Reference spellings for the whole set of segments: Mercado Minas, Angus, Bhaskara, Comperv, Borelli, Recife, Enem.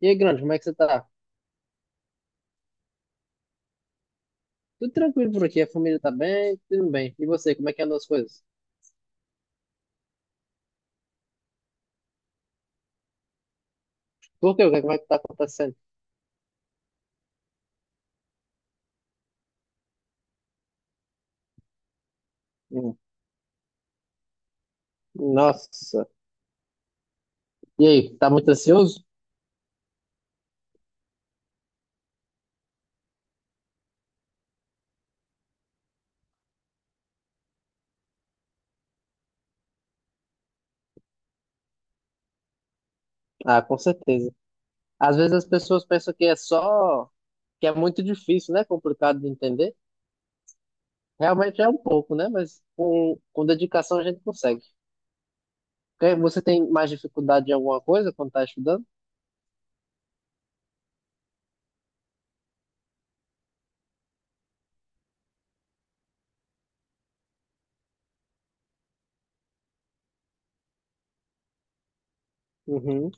E aí, grande, como é que você tá? Tudo tranquilo por aqui, a família tá bem, tudo bem. E você, como é que andam as coisas? Por quê? O que é que vai estar acontecendo? Hum. Nossa. E aí, tá muito ansioso? Ah, com certeza. Às vezes as pessoas pensam que é só, que é muito difícil, né? Complicado de entender. Realmente é um pouco, né? Mas com dedicação a gente consegue. Quer- Você tem mais dificuldade em alguma coisa quando tá estudando? Uhum,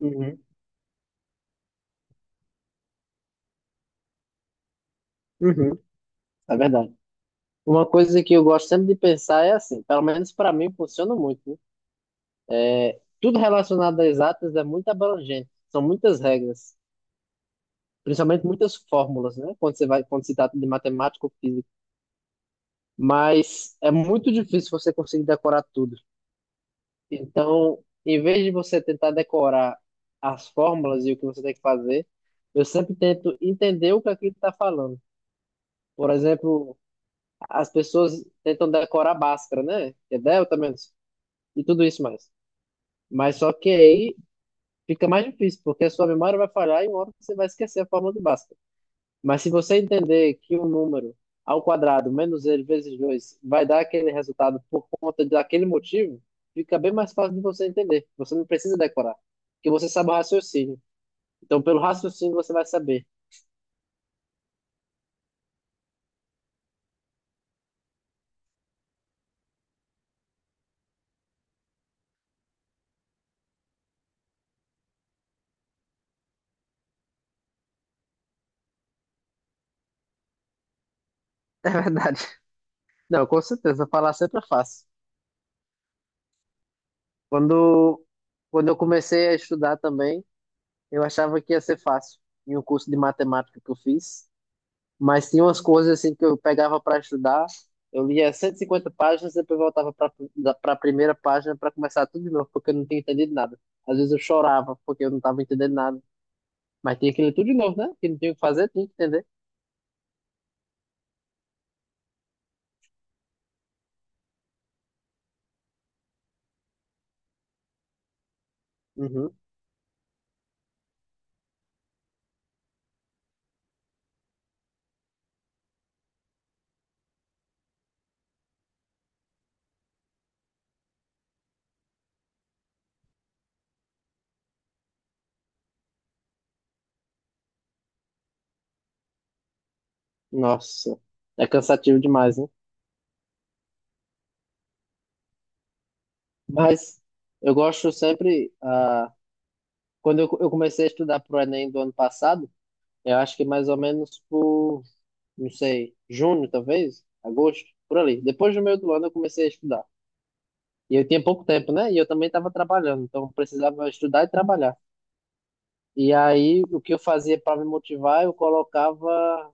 uhum, uhum. É verdade. Uma coisa que eu gosto sempre de pensar é assim, pelo menos para mim funciona muito, né? Tudo relacionado a exatas é muito abrangente. São muitas regras, principalmente muitas fórmulas, né? Quando você vai, quando se trata de matemática ou física. Mas é muito difícil você conseguir decorar tudo. Então, em vez de você tentar decorar as fórmulas e o que você tem que fazer, eu sempre tento entender o que aquilo está falando. Por exemplo, as pessoas tentam decorar Bhaskara, né? Que é delta menos e tudo isso mais. Mas só que aí fica mais difícil, porque a sua memória vai falhar e uma hora você vai esquecer a fórmula de Bhaskara. Mas se você entender que um número ao quadrado menos ele vezes 2 vai dar aquele resultado por conta daquele motivo, fica bem mais fácil de você entender. Você não precisa decorar, porque você sabe o raciocínio. Então, pelo raciocínio, você vai saber. É verdade. Não, com certeza, falar sempre é fácil. Quando, quando eu comecei a estudar também, eu achava que ia ser fácil. Em um curso de matemática que eu fiz, mas tinha umas coisas assim que eu pegava para estudar, eu lia 150 páginas, depois voltava para a primeira página para começar tudo de novo, porque eu não tinha entendido nada. Às vezes eu chorava porque eu não estava entendendo nada, mas tinha que ler tudo de novo, né? Que não tinha o que fazer, tinha que entender. Uhum. Nossa, é cansativo demais, né? Mas eu gosto sempre, ah, quando eu comecei a estudar para o Enem do ano passado, eu acho que mais ou menos por, não sei, junho talvez, agosto, por ali. Depois do meio do ano eu comecei a estudar. E eu tinha pouco tempo, né? E eu também estava trabalhando, então eu precisava estudar e trabalhar. E aí, o que eu fazia para me motivar, eu colocava,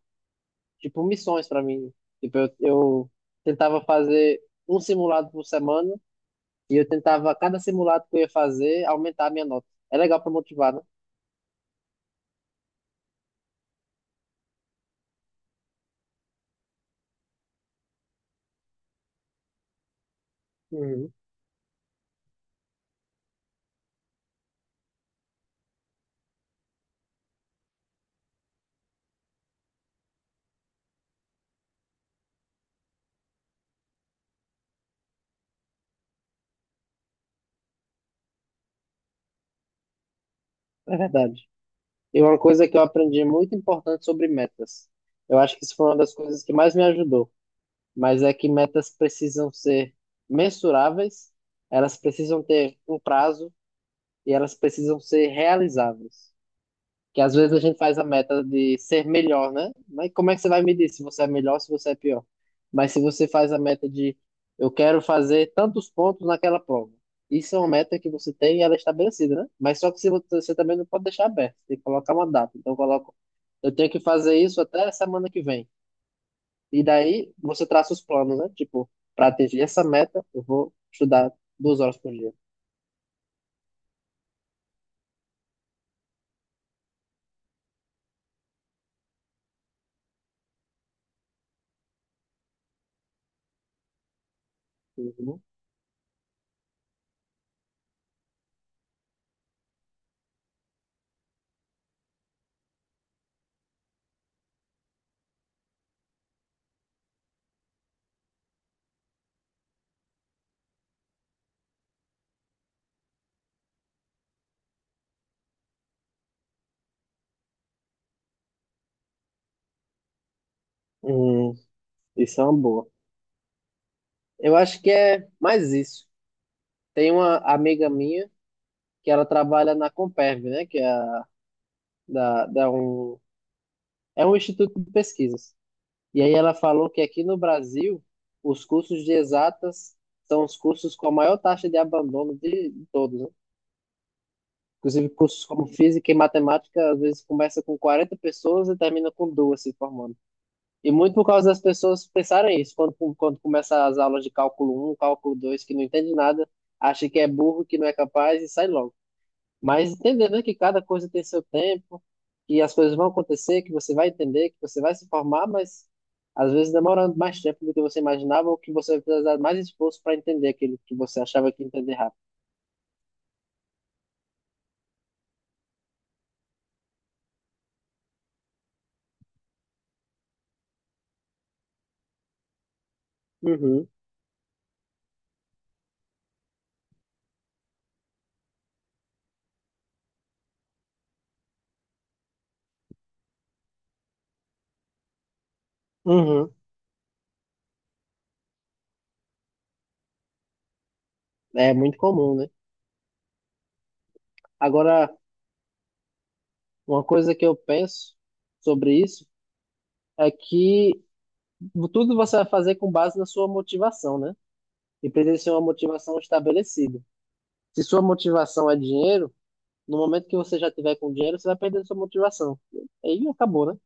tipo, missões para mim. Tipo, eu tentava fazer um simulado por semana e eu tentava, a cada simulado que eu ia fazer, aumentar a minha nota. É legal para motivar, né? Uhum. É verdade. E uma coisa que eu aprendi muito importante sobre metas. Eu acho que isso foi uma das coisas que mais me ajudou. Mas é que metas precisam ser mensuráveis, elas precisam ter um prazo e elas precisam ser realizáveis. Que às vezes a gente faz a meta de ser melhor, né? Mas como é que você vai medir se você é melhor, se você é pior? Mas se você faz a meta de eu quero fazer tantos pontos naquela prova. Isso é uma meta que você tem e ela é estabelecida, né? Mas só que se você, você também não pode deixar aberto, tem que colocar uma data. Então coloca, eu tenho que fazer isso até semana que vem. E daí você traça os planos, né? Tipo, para atingir essa meta, eu vou estudar 2 horas por dia. Uhum. Hum, isso é uma boa. Eu acho que é mais isso. Tem uma amiga minha que ela trabalha na Comperv, né? Que é, da, da um, é um instituto de pesquisas. E aí ela falou que aqui no Brasil, os cursos de exatas são os cursos com a maior taxa de abandono de todos, né? Inclusive, cursos como física e matemática, às vezes começa com 40 pessoas e termina com duas se formando. E muito por causa das pessoas pensarem isso, quando começa as aulas de cálculo um cálculo 2 que não entende nada, acha que é burro, que não é capaz e sai logo. Mas entendendo que cada coisa tem seu tempo, que as coisas vão acontecer, que você vai entender, que você vai se formar, mas às vezes demorando mais tempo do que você imaginava ou que você vai precisar de mais esforço para entender aquilo que você achava que ia entender rápido. Uhum, uhum. É muito comum, né? Agora, uma coisa que eu penso sobre isso é que tudo você vai fazer com base na sua motivação, né? E precisa ser uma motivação estabelecida. Se sua motivação é dinheiro, no momento que você já tiver com dinheiro, você vai perder sua motivação. Aí acabou, né?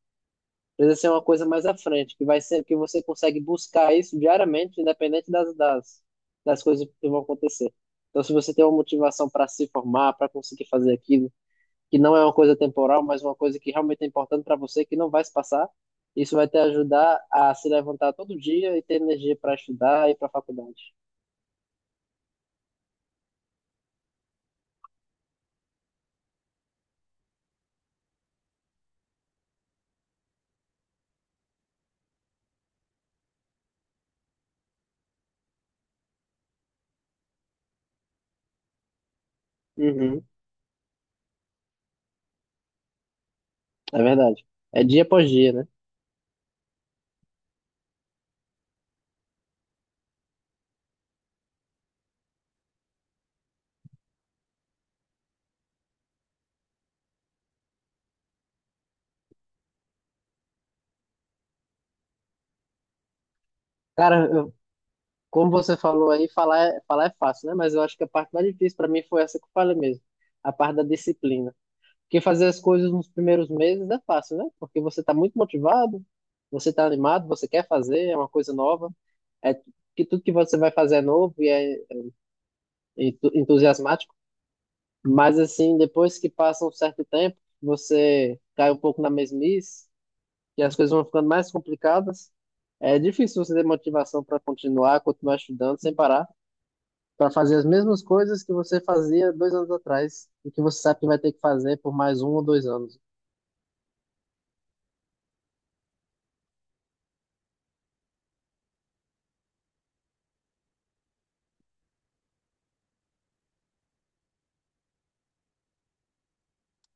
Precisa ser uma coisa mais à frente, que vai ser que você consegue buscar isso diariamente, independente das coisas que vão acontecer. Então, se você tem uma motivação para se formar, para conseguir fazer aquilo, que não é uma coisa temporal, mas uma coisa que realmente é importante para você, que não vai se passar. Isso vai te ajudar a se levantar todo dia e ter energia para estudar e para faculdade. Uhum, é verdade. É dia após dia, né? Cara, eu, como você falou aí, falar é fácil, né? Mas eu acho que a parte mais difícil para mim foi essa que eu falei mesmo, a parte da disciplina. Porque fazer as coisas nos primeiros meses é fácil, né? Porque você está muito motivado, você está animado, você quer fazer, é uma coisa nova, é que tudo que você vai fazer é novo e é entusiasmático, mas assim, depois que passa um certo tempo, você cai um pouco na mesmice e as coisas vão ficando mais complicadas. É difícil você ter motivação para continuar estudando sem parar, para fazer as mesmas coisas que você fazia 2 anos atrás e que você sabe que vai ter que fazer por mais 1 ou 2 anos.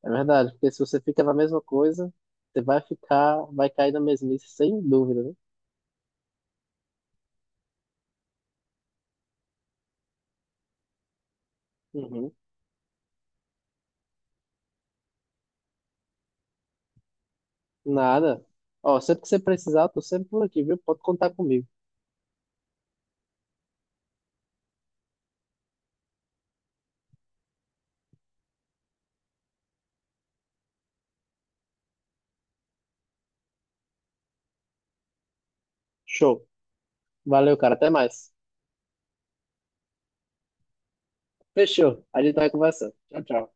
É verdade, porque se você fica na mesma coisa, você vai ficar, vai cair na mesmice, sem dúvida, né? Uhum. Nada. Ó, sempre que você precisar, tô sempre por aqui, viu? Pode contar comigo. Show. Valeu, cara. Até mais. Fechou. A gente vai conversando. Tchau, tchau.